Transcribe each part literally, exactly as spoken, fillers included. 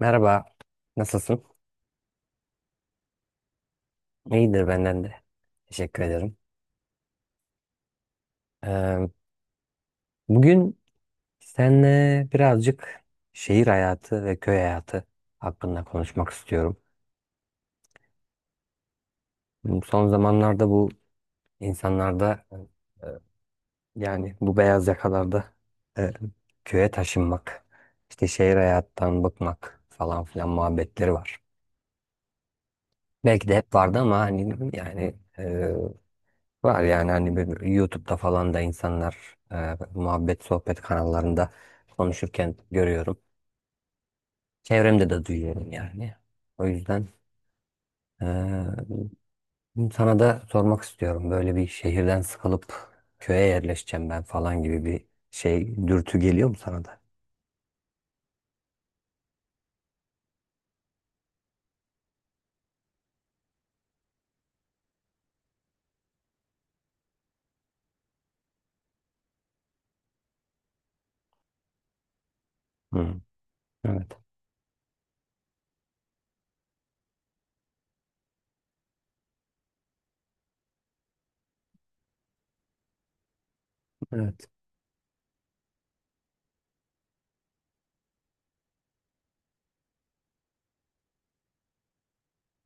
Merhaba, nasılsın? İyidir benden de. Teşekkür ederim. Ee, bugün seninle birazcık şehir hayatı ve köy hayatı hakkında konuşmak istiyorum. Son zamanlarda bu insanlarda e, yani bu beyaz yakalarda e, köye taşınmak, işte şehir hayattan bıkmak falan filan muhabbetleri var. Belki de hep vardı ama hani yani e, var yani hani bir YouTube'da falan da insanlar e, muhabbet sohbet kanallarında konuşurken görüyorum. Çevremde de duyuyorum yani. O yüzden e, sana da sormak istiyorum. Böyle bir şehirden sıkılıp köye yerleşeceğim ben falan gibi bir şey dürtü geliyor mu sana da? Hı. Evet. Evet.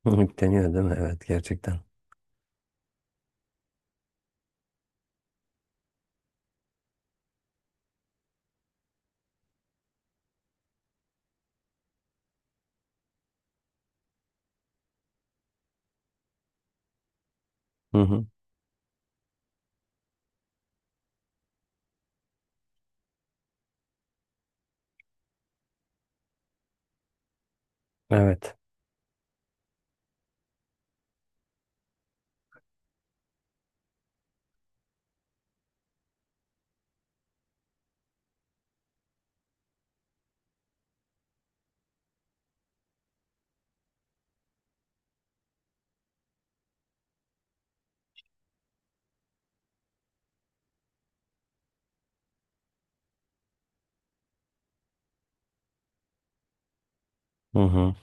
deniyor değil mi? Evet gerçekten. Hı hı. Evet. Hı hı.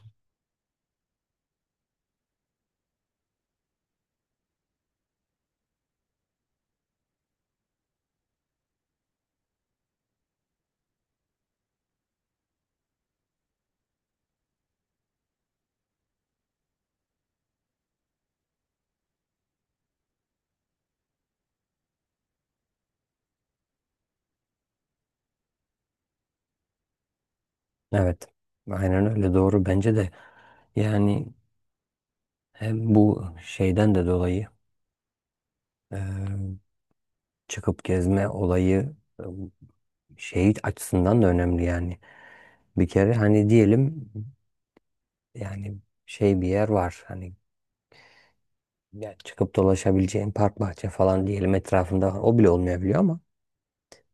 Evet. Aynen öyle, doğru, bence de. Yani hem bu şeyden de dolayı, Eee, çıkıp gezme olayı e, şey açısından da önemli yani. Bir kere hani diyelim, yani şey, bir yer var hani, yani çıkıp dolaşabileceğin park bahçe falan, diyelim etrafında o bile olmayabiliyor, ama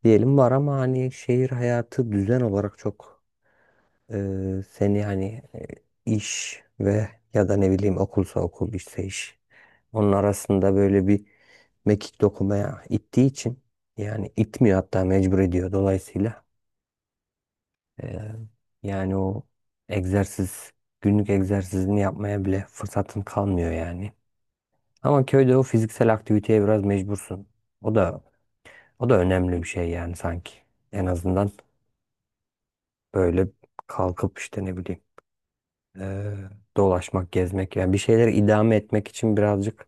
diyelim var, ama hani şehir hayatı düzen olarak çok e, seni hani e, iş ve ya da ne bileyim okulsa okul, işse iş, onun arasında böyle bir mekik dokumaya ittiği için, yani itmiyor, hatta mecbur ediyor. Dolayısıyla Ee, yani o egzersiz, günlük egzersizini yapmaya bile fırsatın kalmıyor yani. Ama köyde o fiziksel aktiviteye biraz mecbursun. O da o da önemli bir şey yani sanki. En azından böyle kalkıp, işte ne bileyim, ee, dolaşmak, gezmek, yani bir şeyleri idame etmek için birazcık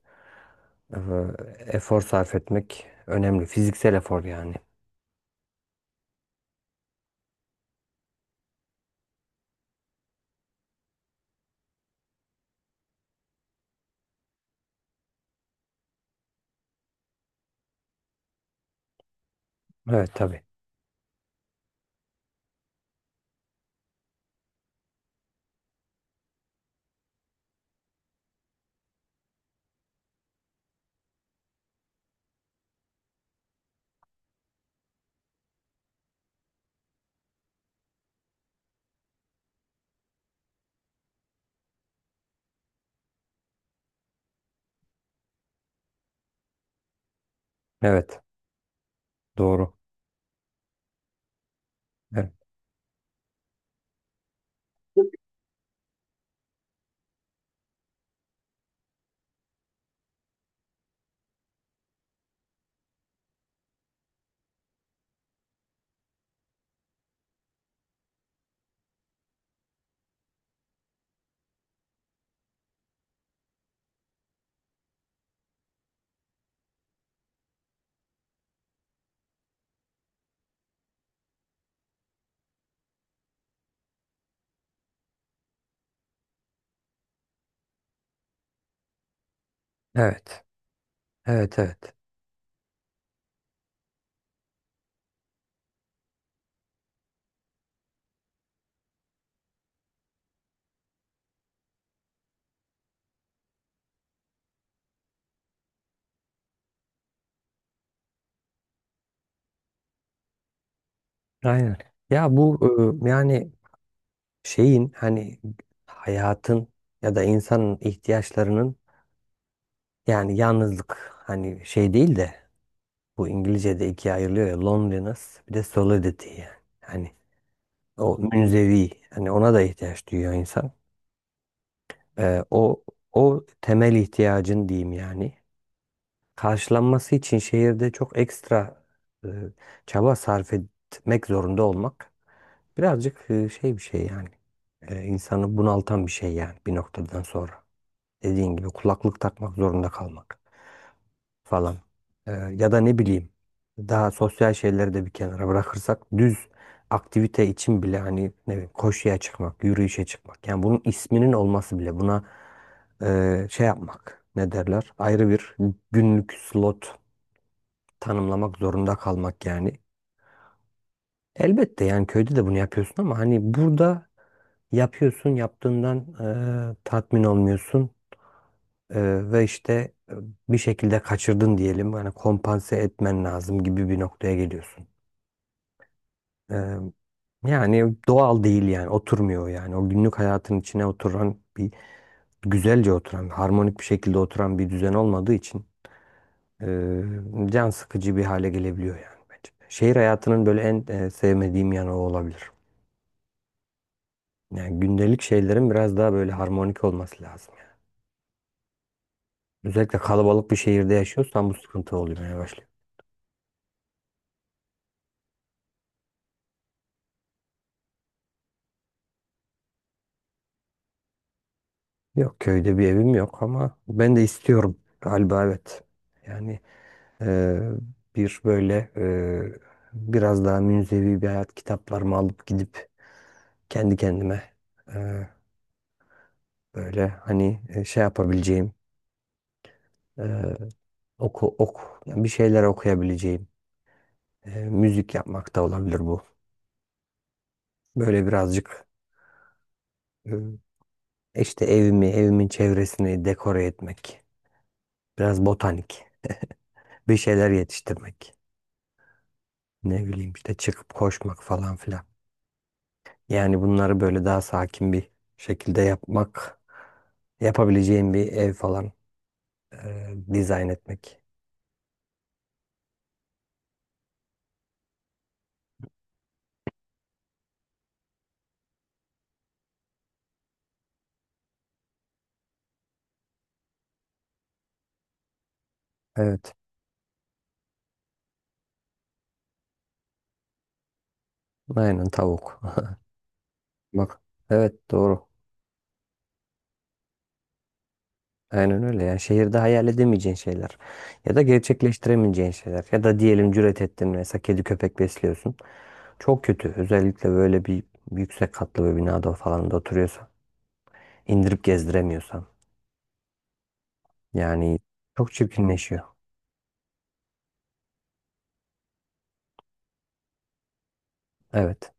ee, efor sarf etmek önemli. Fiziksel efor yani. Evet, tabii. Evet. Doğru. Evet. Evet. Evet. Evet. Aynen. Ya bu e, yani şeyin, hani hayatın ya da insanın ihtiyaçlarının, yani yalnızlık hani şey değil de, bu İngilizce'de ikiye ayrılıyor ya, loneliness bir de solidity yani. Hani o münzevi, hani ona da ihtiyaç duyuyor insan. E, o o temel ihtiyacın diyeyim yani. Karşılanması için şehirde çok ekstra e, çaba sarf etmek zorunda olmak birazcık e, şey bir şey yani. E, insanı bunaltan bir şey yani, bir noktadan sonra. Dediğin gibi kulaklık takmak zorunda kalmak falan. E, ya da ne bileyim, daha sosyal şeyleri de bir kenara bırakırsak düz aktivite için bile, hani ne bileyim, koşuya çıkmak, yürüyüşe çıkmak. Yani bunun isminin olması bile buna e, şey yapmak, ne derler, ayrı bir günlük slot tanımlamak zorunda kalmak yani. Elbette yani köyde de bunu yapıyorsun ama hani burada yapıyorsun, yaptığından e, tatmin olmuyorsun, e, ve işte e, bir şekilde kaçırdın diyelim. Hani kompanse etmen lazım gibi bir noktaya geliyorsun. E, yani doğal değil yani, oturmuyor yani. O günlük hayatın içine oturan bir, güzelce oturan, harmonik bir şekilde oturan bir düzen olmadığı için e, can sıkıcı bir hale gelebiliyor yani, bence. Şehir hayatının böyle en e, sevmediğim yanı o olabilir. Yani gündelik şeylerin biraz daha böyle harmonik olması lazım yani. Özellikle kalabalık bir şehirde yaşıyorsan bu sıkıntı olmaya başlıyor. Yok, köyde bir evim yok, ama ben de istiyorum galiba, evet. Yani e, bir böyle e, biraz daha münzevi bir hayat, kitaplarımı alıp gidip kendi kendime e, böyle hani e, şey yapabileceğim, e, oku oku yani bir şeyler okuyabileceğim, e, müzik yapmak da olabilir bu. Böyle birazcık İşte evimi, evimin çevresini dekore etmek, biraz botanik, bir şeyler yetiştirmek, ne bileyim işte çıkıp koşmak falan filan. Yani bunları böyle daha sakin bir şekilde yapmak, yapabileceğim bir ev falan e, dizayn etmek. Evet, aynen, tavuk. Bak, evet, doğru. Aynen öyle yani, şehirde hayal edemeyeceğin şeyler ya da gerçekleştiremeyeceğin şeyler, ya da diyelim cüret ettin, mesela kedi köpek besliyorsun. Çok kötü, özellikle böyle bir yüksek katlı bir binada falan da oturuyorsan, indirip gezdiremiyorsan yani, çok çirkinleşiyor. Evet,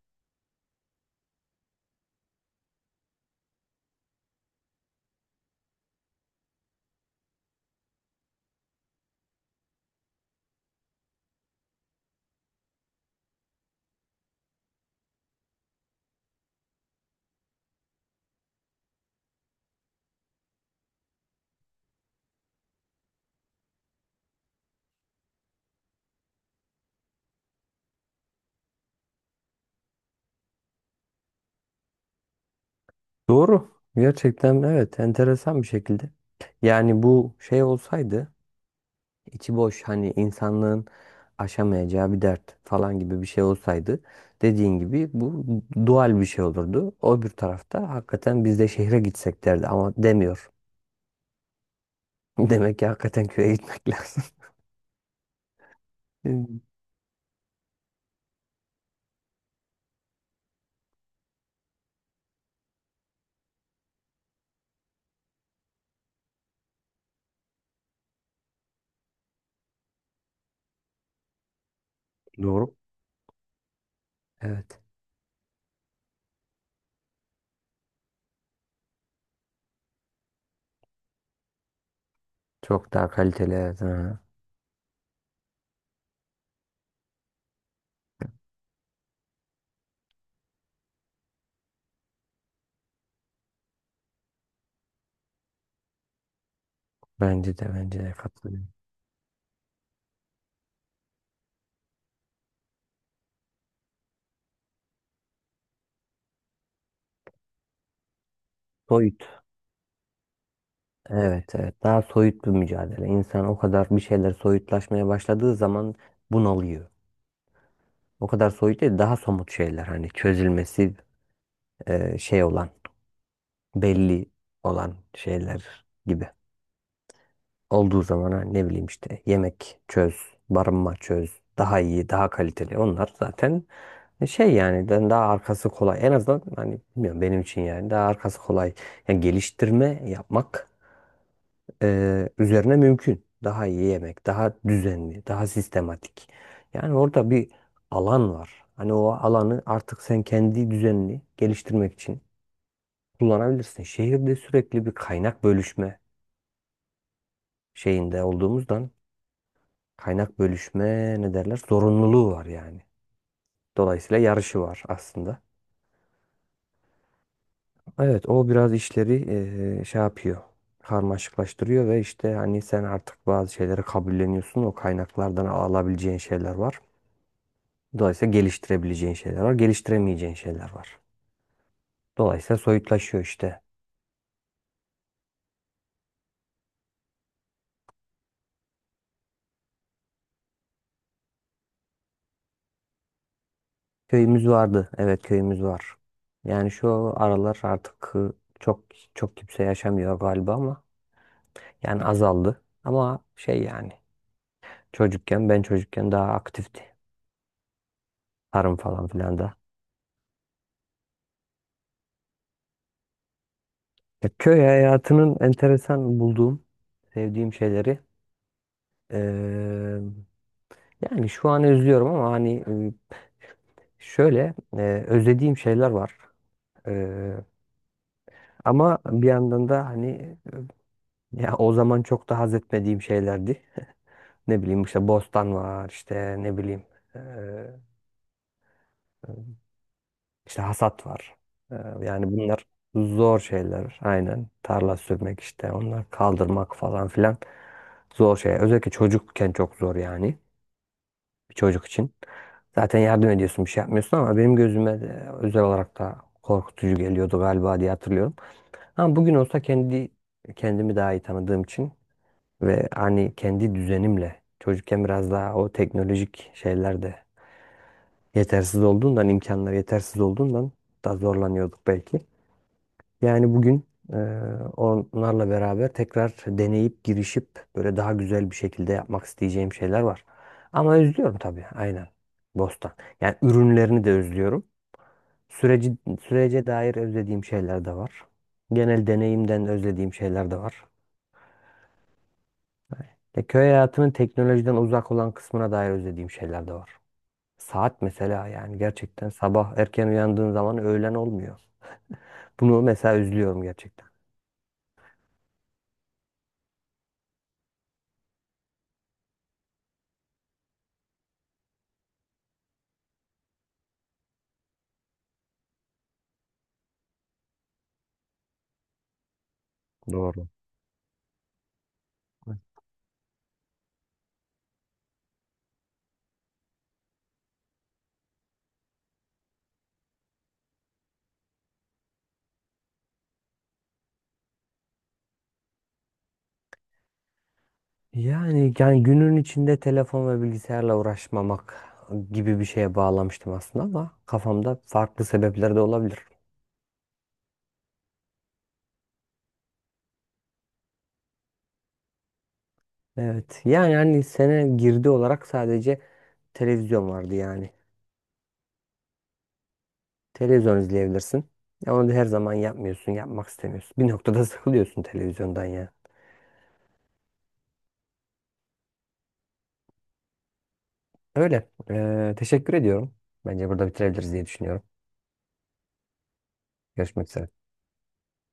doğru, gerçekten, evet, enteresan bir şekilde. Yani bu şey olsaydı, içi boş hani, insanlığın aşamayacağı bir dert falan gibi bir şey olsaydı, dediğin gibi bu dual bir şey olurdu. O bir tarafta hakikaten biz de şehre gitsek derdi, ama demiyor. Demek ki hakikaten köye gitmek lazım. Hmm. Doğru. Evet. Çok daha kaliteli, evet. Ha. Bence de, bence de katılıyorum. Soyut. Evet, evet. Daha soyut bir mücadele. İnsan o kadar bir şeyler soyutlaşmaya başladığı zaman bunalıyor. O kadar soyut değil, daha somut şeyler, hani çözülmesi e, şey olan, belli olan şeyler gibi. Olduğu zaman ha, ne bileyim işte, yemek çöz, barınma çöz, daha iyi, daha kaliteli. Onlar zaten e, şey, yani ben daha arkası kolay. En azından hani, bilmiyorum, benim için yani daha arkası kolay. Yani geliştirme yapmak e, üzerine mümkün. Daha iyi yemek, daha düzenli, daha sistematik. Yani orada bir alan var. Hani o alanı artık sen kendi düzenini geliştirmek için kullanabilirsin. Şehirde sürekli bir kaynak bölüşme şeyinde olduğumuzdan, kaynak bölüşme ne derler, zorunluluğu var yani. Dolayısıyla yarışı var aslında. Evet, o biraz işleri eee, şey yapıyor. Karmaşıklaştırıyor. Ve işte hani sen artık bazı şeyleri kabulleniyorsun. O kaynaklardan alabileceğin şeyler var. Dolayısıyla geliştirebileceğin şeyler var. Geliştiremeyeceğin şeyler var. Dolayısıyla soyutlaşıyor işte. Köyümüz vardı. Evet, köyümüz var. Yani şu aralar artık e, çok çok kimse yaşamıyor galiba, ama yani azaldı. Ama şey yani, Çocukken ben çocukken daha aktifti. Tarım falan filan da. Ya, köy hayatının enteresan bulduğum, sevdiğim şeyleri eee, yani şu an özlüyorum ama hani e, şöyle e, özlediğim şeyler var. Eee, ama bir yandan da hani e, ya o zaman çok da haz etmediğim şeylerdi. Ne bileyim, işte bostan var, işte ne bileyim, eee İşte hasat var. Ee, Yani bunlar zor şeyler. Aynen. Tarla sürmek, işte onlar, kaldırmak falan filan. Zor şey. Özellikle çocukken çok zor yani. Bir çocuk için. Zaten yardım ediyorsun, bir şey yapmıyorsun, ama benim gözüme de özel olarak da korkutucu geliyordu galiba, diye hatırlıyorum. Ama bugün olsa, kendi kendimi daha iyi tanıdığım için ve hani kendi düzenimle, çocukken biraz daha o teknolojik şeyler de yetersiz olduğundan, imkanlar yetersiz olduğundan daha zorlanıyorduk belki. Yani bugün e, onlarla beraber tekrar deneyip girişip böyle daha güzel bir şekilde yapmak isteyeceğim şeyler var. Ama özlüyorum tabii, aynen. Bostan. Yani ürünlerini de özlüyorum. Süreci, sürece dair özlediğim şeyler de var. Genel deneyimden özlediğim şeyler de var. E, köy hayatının teknolojiden uzak olan kısmına dair özlediğim şeyler de var. Saat mesela, yani gerçekten sabah erken uyandığın zaman öğlen olmuyor. Bunu mesela özlüyorum, gerçekten. Doğru. Yani, yani günün içinde telefon ve bilgisayarla uğraşmamak gibi bir şeye bağlamıştım aslında, ama kafamda farklı sebepler de olabilir. Evet. Yani hani sene girdi olarak sadece televizyon vardı yani. Televizyon izleyebilirsin. Ya onu da her zaman yapmıyorsun, yapmak istemiyorsun. Bir noktada sıkılıyorsun televizyondan ya. Öyle. Ee, teşekkür ediyorum. Bence burada bitirebiliriz diye düşünüyorum. Görüşmek üzere.